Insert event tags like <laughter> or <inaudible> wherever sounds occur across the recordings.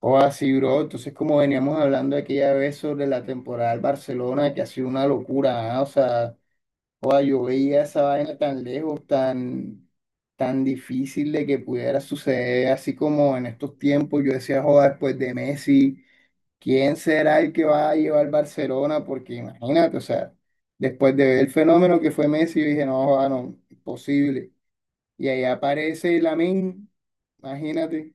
O así, bro. Entonces, como veníamos hablando aquella vez sobre la temporada del Barcelona, que ha sido una locura, o sea, joda, yo veía esa vaina tan lejos, tan difícil de que pudiera suceder, así como en estos tiempos yo decía, joda, después de Messi, ¿quién será el que va a llevar Barcelona? Porque imagínate, o sea, después de ver el fenómeno que fue Messi, yo dije, no, joda, no, imposible. Y ahí aparece Lamine, imagínate,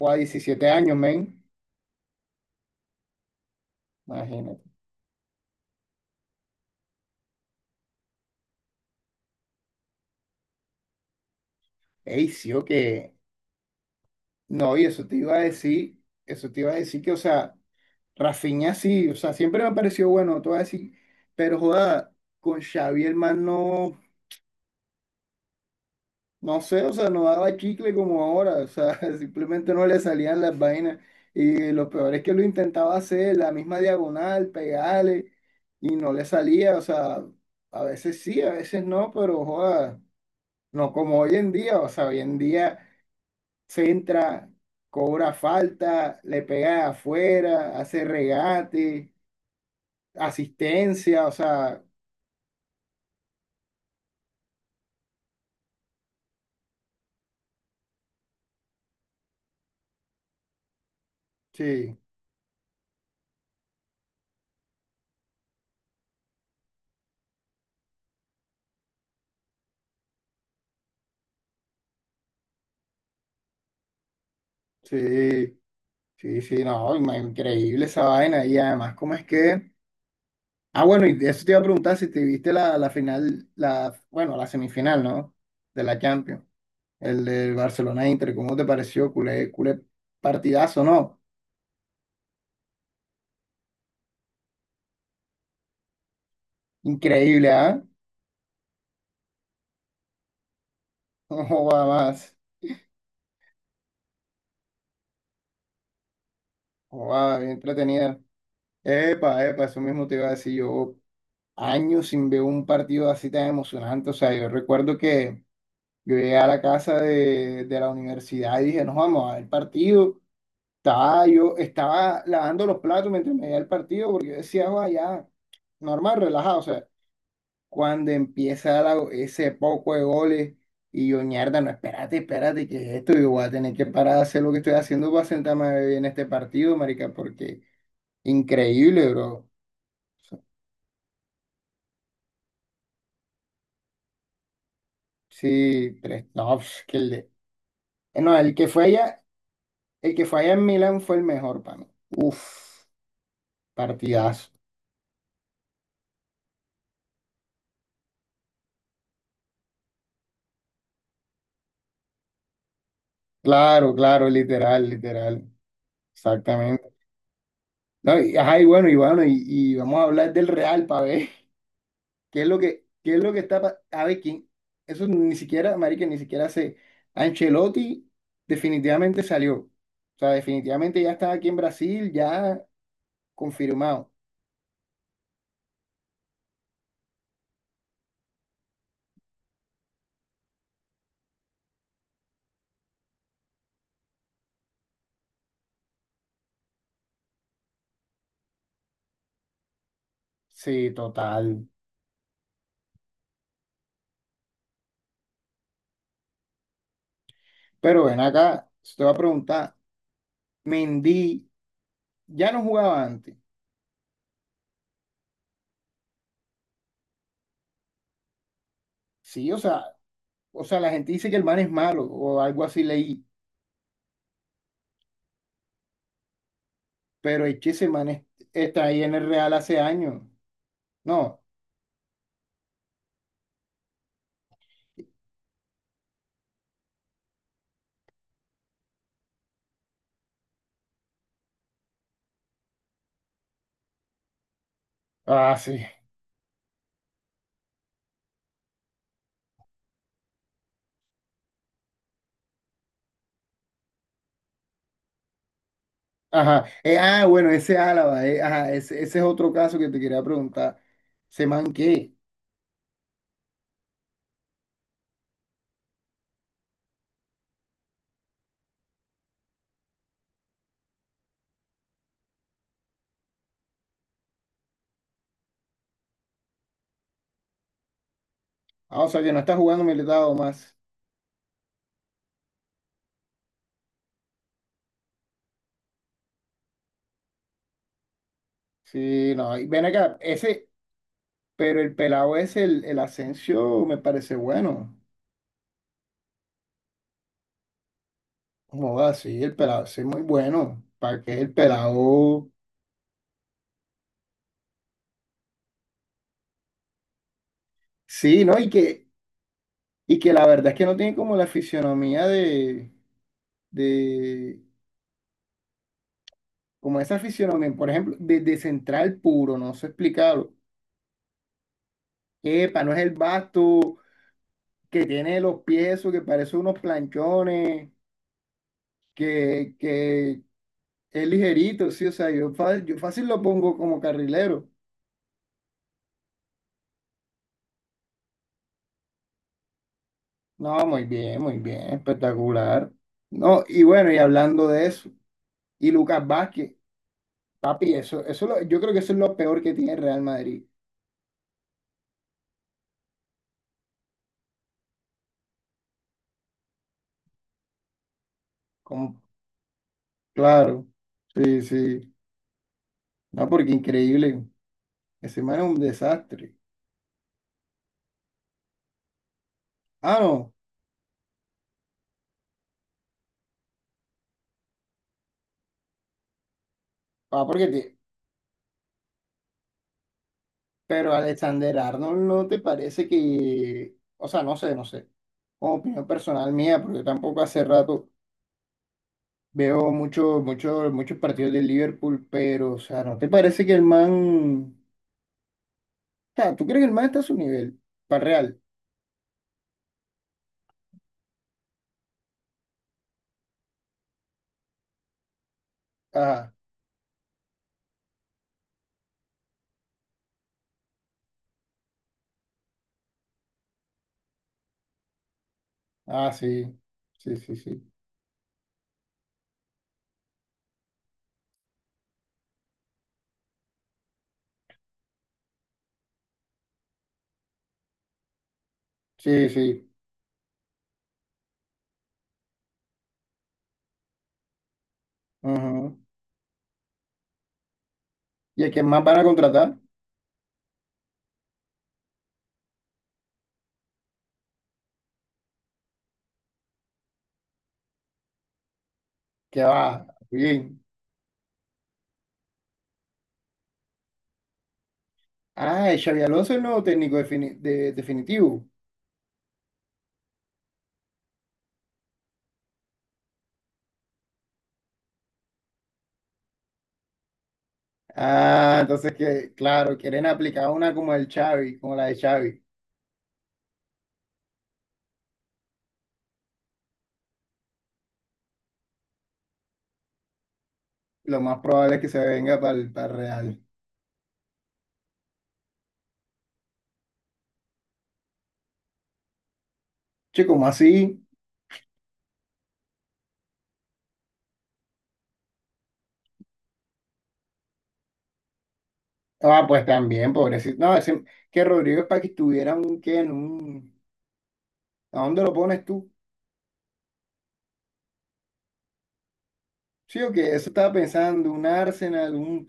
o a 17 años, men, imagínate. Ey, sí, o que. No, y eso te iba a decir, eso te iba a decir que, o sea, Rafinha sí, o sea, siempre me pareció bueno, te voy a decir, pero joda, con Xavi el man no, no sé, o sea, no daba chicle como ahora, o sea, <laughs> simplemente no le salían las vainas. Y lo peor es que lo intentaba hacer, la misma diagonal, pegarle, y no le salía, o sea, a veces sí, a veces no, pero joda, no como hoy en día, o sea, hoy en día, centra, cobra falta, le pega de afuera, hace regate, asistencia, o sea, sí, sí, sí, sí, no, increíble esa vaina. Y además, ¿cómo es que? Ah, bueno, y de eso te iba a preguntar si te viste la final, bueno, la semifinal, ¿no? De la Champions, el del Barcelona Inter, ¿cómo te pareció? Culé, culé partidazo, ¿no? Increíble, ¿ah? <laughs> No joda más, joda, bien entretenida. Epa, epa, eso mismo te iba a decir yo. Años sin ver un partido así tan emocionante. O sea, yo recuerdo que yo llegué a la casa de la universidad y dije, nos vamos a ver el partido. Estaba yo, estaba lavando los platos mientras me veía el partido porque yo decía, vaya, normal, relajado. O sea, cuando empieza ese poco de goles y yo, mierda, no, espérate, espérate, que es esto? Yo voy a tener que parar de hacer lo que estoy haciendo para sentarme a ver bien este partido, marica, porque increíble, bro. Sí, tres, no, pf, que el, No, el que fue allá, el que fue allá en Milán fue el mejor para mí. Uf, partidazo. Claro, claro, literal, literal. Exactamente. No, y, ajá, y bueno, y bueno, y vamos a hablar del Real para ver <laughs> qué es lo que, qué es lo que a ver quién. Eso ni siquiera, marica, ni siquiera sé. Ancelotti definitivamente salió. O sea, definitivamente ya está aquí en Brasil, ya confirmado. Sí, total. Pero ven acá, te voy a preguntar, Mendy ya no jugaba antes. Sí, o sea, la gente dice que el man es malo o algo así leí, pero es que ese está ahí en el Real hace años. No. Ah, sí. Ajá. Ah, bueno, ese Álava, ajá, ese es otro caso que te quería preguntar. ¿Se man qué? Ah, o sea, que no está jugando militado más. Sí, no. Y ven acá, ese, pero el pelado ese el Asensio me parece bueno. No, sí, el pelado ese es muy bueno. ¿Para qué el pelado? Sí, ¿no? Y que y que la verdad es que no tiene como la fisionomía de como esa fisionomía, por ejemplo, de central puro, no sé explicarlo. Epa, no es el basto que tiene los pies, eso que parece unos planchones, que es ligerito, sí, o sea, yo, yo fácil lo pongo como carrilero. No, muy bien, espectacular. No, y bueno, y hablando de eso, y Lucas Vázquez, papi, eso, yo creo que eso es lo peor que tiene el Real Madrid como. Claro, sí, sí. No, porque increíble. Ese man es un desastre. Ah, no. Ah, porque te... Pero Alexander Arnold no te parece que... O sea, no sé, no sé. Opinión personal mía, porque tampoco hace rato veo mucho, mucho, muchos partidos del Liverpool, pero, o sea, ¿no te parece que el man... O sea, ¿tú crees que el man está a su nivel? Para real. Ah, ah, sí. Sí, sí, sí. Sí, sí. Ujú. ¿Y a quién más van a contratar? Que va. Bien. Ah, es Xabi Alonso el nuevo técnico definitivo. Ah, entonces que, claro, quieren aplicar una como el Xavi, como la de Xavi. Lo más probable es que se venga para el Real. Che, ¿cómo así? Ah, pues también, pobrecito. No, ese- que Rodrigo es para que estuviera un qué, en un... ¿A dónde lo pones tú? Sí, o que eso estaba pensando, un Arsenal, un,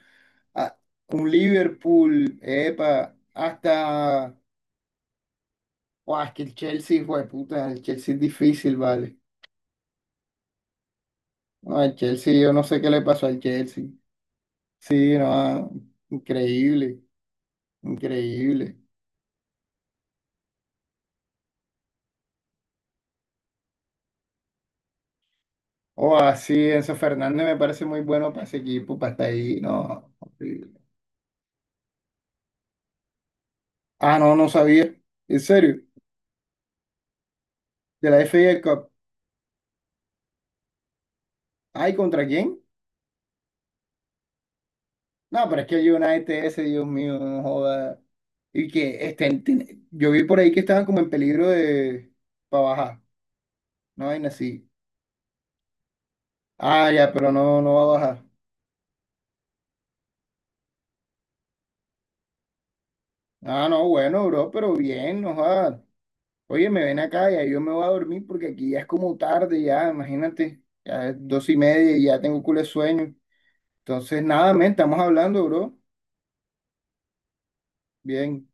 a- un Liverpool, epa, hasta... Guau, es que el Chelsea, fue puta, el Chelsea es difícil, vale. No, al Chelsea, yo no sé qué le pasó al Chelsea. Sí, no, increíble, increíble. O así, Enzo Fernández me parece muy bueno para ese equipo, para estar ahí, no. Horrible. Ah, no, no sabía. En serio, de la FA Cup. ¿Ay, contra quién? No, pero es que el United ese, Dios mío, no joda. Y que estén, yo vi por ahí que estaban como en peligro de, para bajar, no, vaina así. Ah, ya, pero no, no va a bajar. Ah, no, bueno, bro, pero bien, no joda. Oye, me ven acá, ya yo me voy a dormir porque aquí ya es como tarde, ya, imagínate, ya es 2:30 y ya tengo culo de sueño. Entonces, nada, men, estamos hablando, bro. Bien.